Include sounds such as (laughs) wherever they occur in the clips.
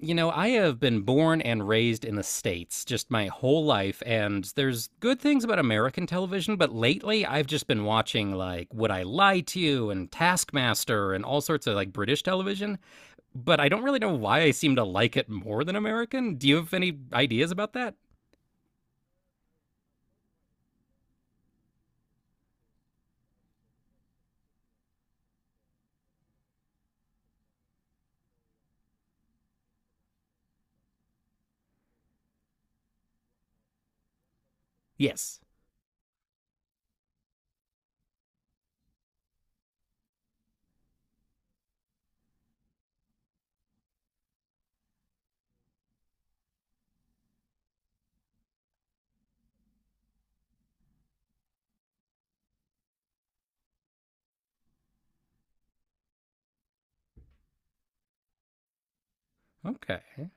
You know, I have been born and raised in the States just my whole life, and there's good things about American television, but lately I've just been watching like Would I Lie to You and Taskmaster and all sorts of like British television, but I don't really know why I seem to like it more than American. Do you have any ideas about that? Yes. Okay.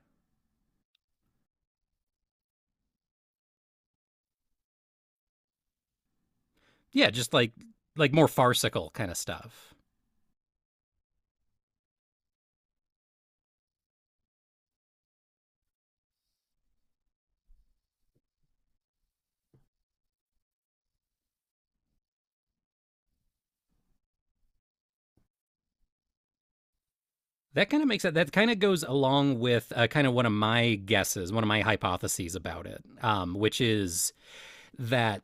Yeah, just like more farcical kind of stuff. That kind of makes it. That kind of goes along with kind of one of my guesses, one of my hypotheses about it, which is that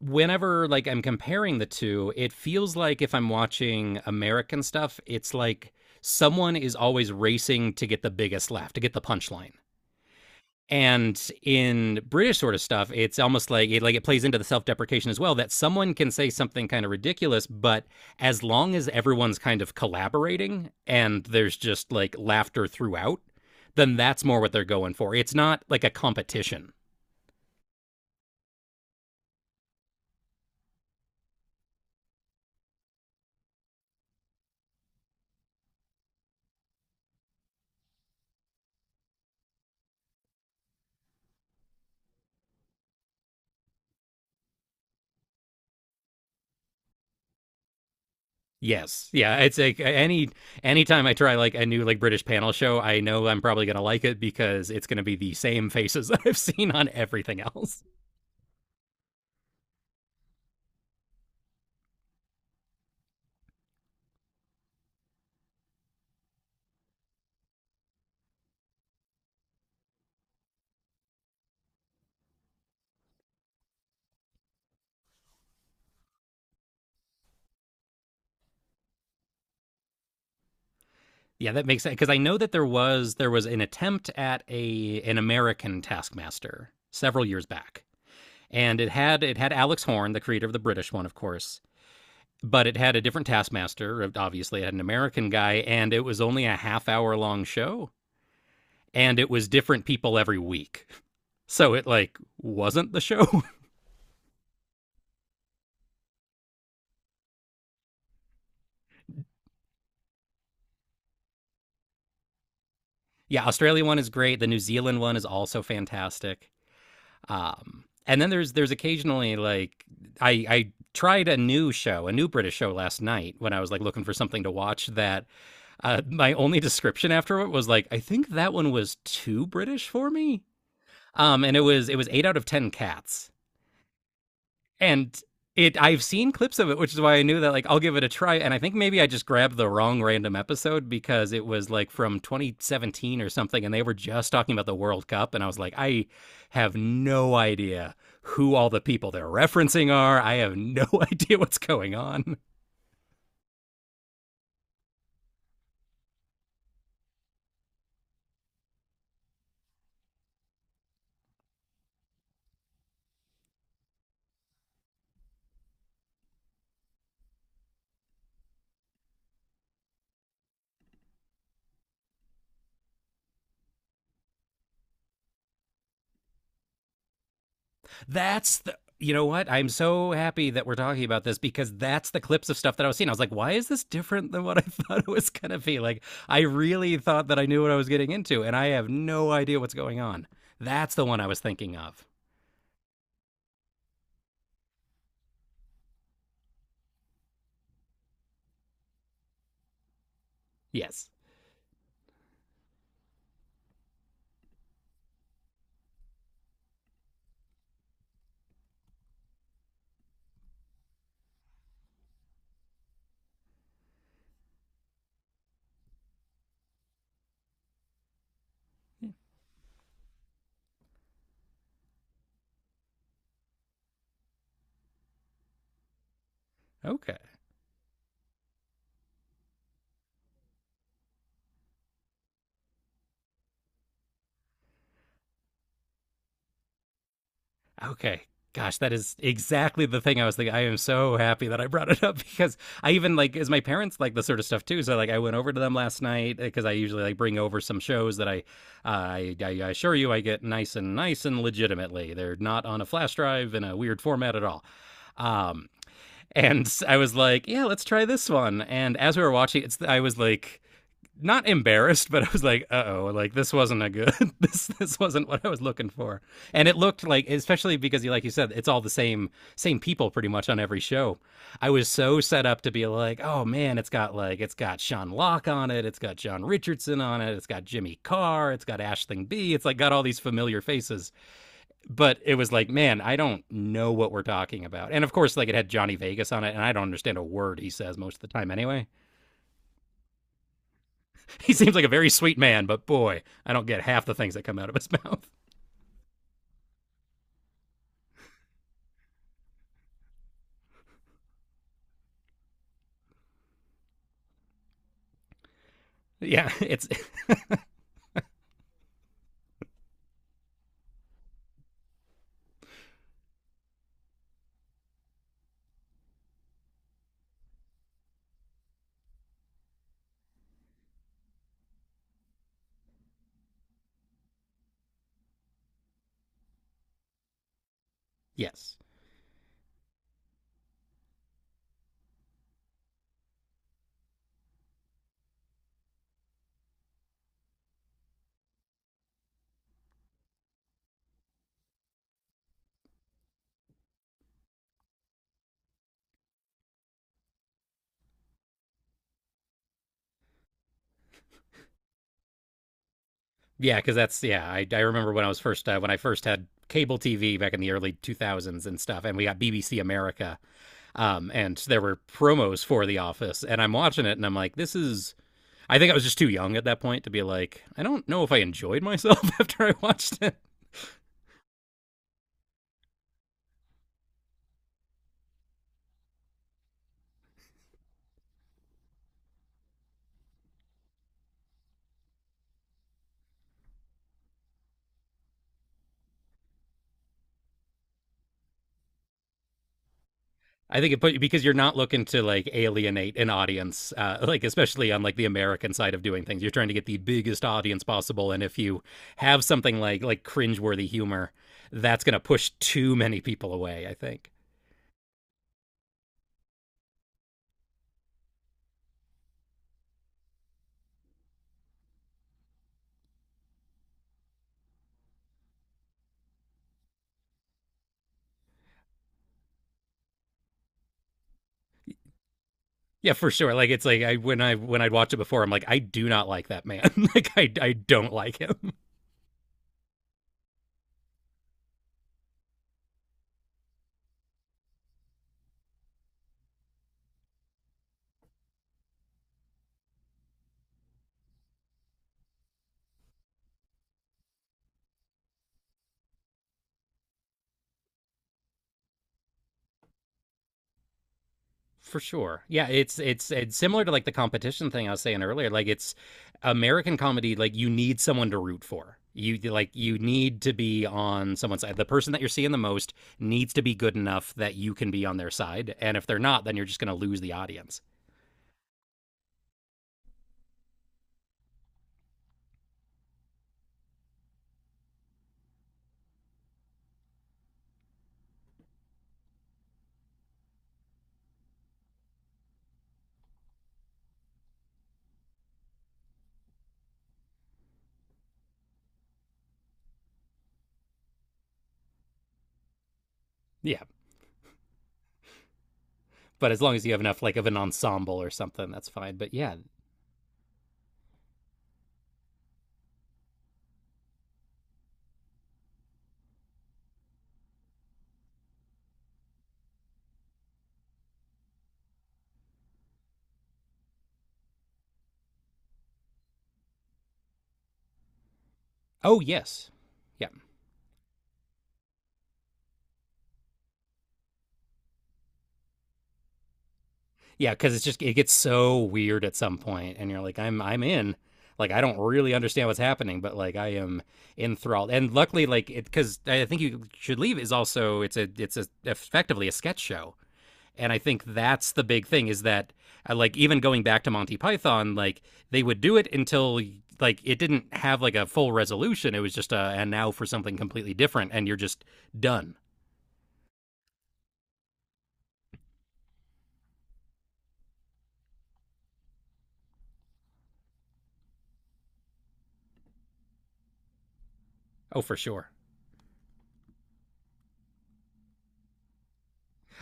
whenever like I'm comparing the two, it feels like if I'm watching American stuff, it's like someone is always racing to get the biggest laugh, to get the punchline. And in British sort of stuff, it's almost like it plays into the self-deprecation as well that someone can say something kind of ridiculous, but as long as everyone's kind of collaborating and there's just like laughter throughout, then that's more what they're going for. It's not like a competition. Yes. Yeah. It's like any anytime I try like a new like British panel show, I know I'm probably gonna like it because it's gonna be the same faces (laughs) that I've seen on everything else. Yeah, that makes sense because I know that there was an attempt at a an American Taskmaster several years back, and it had Alex Horn, the creator of the British one, of course, but it had a different Taskmaster. Obviously, it had an American guy, and it was only a half hour long show, and it was different people every week. So it like wasn't the show. (laughs) Yeah, Australia one is great. The New Zealand one is also fantastic. And then there's occasionally like I tried a new show, a new British show last night when I was like looking for something to watch. That my only description after it was like I think that one was too British for me. And it was eight out of ten cats, and it I've seen clips of it, which is why I knew that like I'll give it a try. And I think maybe I just grabbed the wrong random episode because it was like from 2017 or something, and they were just talking about the World Cup, and I was like, I have no idea who all the people they're referencing are. I have no (laughs) idea what's going on. That's the. You know what? I'm so happy that we're talking about this because that's the clips of stuff that I was seeing. I was like, why is this different than what I (laughs) thought it was going to be? Like, I really thought that I knew what I was getting into, and I have no idea what's going on. That's the one I was thinking of. Yes. Okay. Okay. Gosh, that is exactly the thing I was thinking. I am so happy that I brought it up (laughs) because I even like is my parents like this sort of stuff too. So like I went over to them last night because I usually like bring over some shows that I assure you I get nice and nice and legitimately. They're not on a flash drive in a weird format at all. Um, and (laughs) I was like, yeah, let's try this one. And as we were watching, it's I was like, not embarrassed, but I was like, uh oh, like this wasn't a good (laughs) this wasn't what I was looking for. And it looked like especially because you like you said, it's all the same people pretty much on every show. I was so set up to be like, oh man, it's got like it's got Sean Locke on it, it's got John Richardson on it, it's got Jimmy Carr, it's got Ashling B, it's like got all these familiar faces. But it was like, man, I don't know what we're talking about. And of course, like it had Johnny Vegas on it, and I don't understand a word he says most of the time anyway. (laughs) He seems like a very sweet man, but boy, I don't get half the things that come out of his (laughs) mouth. Yeah, it's (laughs) yes, yeah, because that's yeah. I remember when I was first when I first had cable TV back in the early 2000s and stuff, and we got BBC America, and there were promos for The Office, and I'm watching it, and I'm like, this is. I think I was just too young at that point to be like, I don't know if I enjoyed myself (laughs) after I watched it. I think it put because you're not looking to like alienate an audience, like especially on like the American side of doing things. You're trying to get the biggest audience possible, and if you have something like cringeworthy humor, that's gonna push too many people away. I think. Yeah, for sure. Like it's like I when I'd watch it before, I'm like, I do not like that man. (laughs) Like I don't like him. For sure. Yeah, it's similar to like the competition thing I was saying earlier. Like it's American comedy, like you need someone to root for. You like you need to be on someone's side. The person that you're seeing the most needs to be good enough that you can be on their side. And if they're not, then you're just gonna lose the audience. Yeah, but as long as you have enough like of an ensemble or something, that's fine. But yeah, oh yes, yeah, yeah, because it's just it gets so weird at some point, and you're like, I'm in. Like I don't really understand what's happening, but like I am enthralled. And luckily, like it because I think you should leave is also it's a, effectively a sketch show, and I think that's the big thing is that like even going back to Monty Python, like they would do it until like it didn't have like a full resolution. It was just a and now for something completely different, and you're just done. Oh, for sure.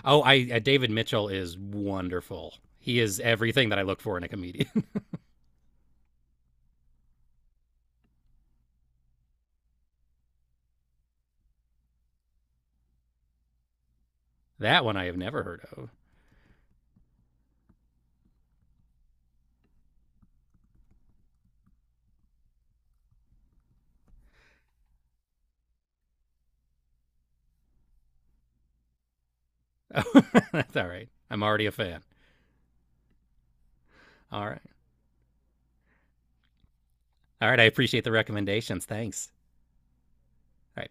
Oh, I David Mitchell is wonderful. He is everything that I look for in a comedian. (laughs) That one I have never heard of. Oh, (laughs) that's all right. I'm already a fan. All right. All right. I appreciate the recommendations. Thanks. All right.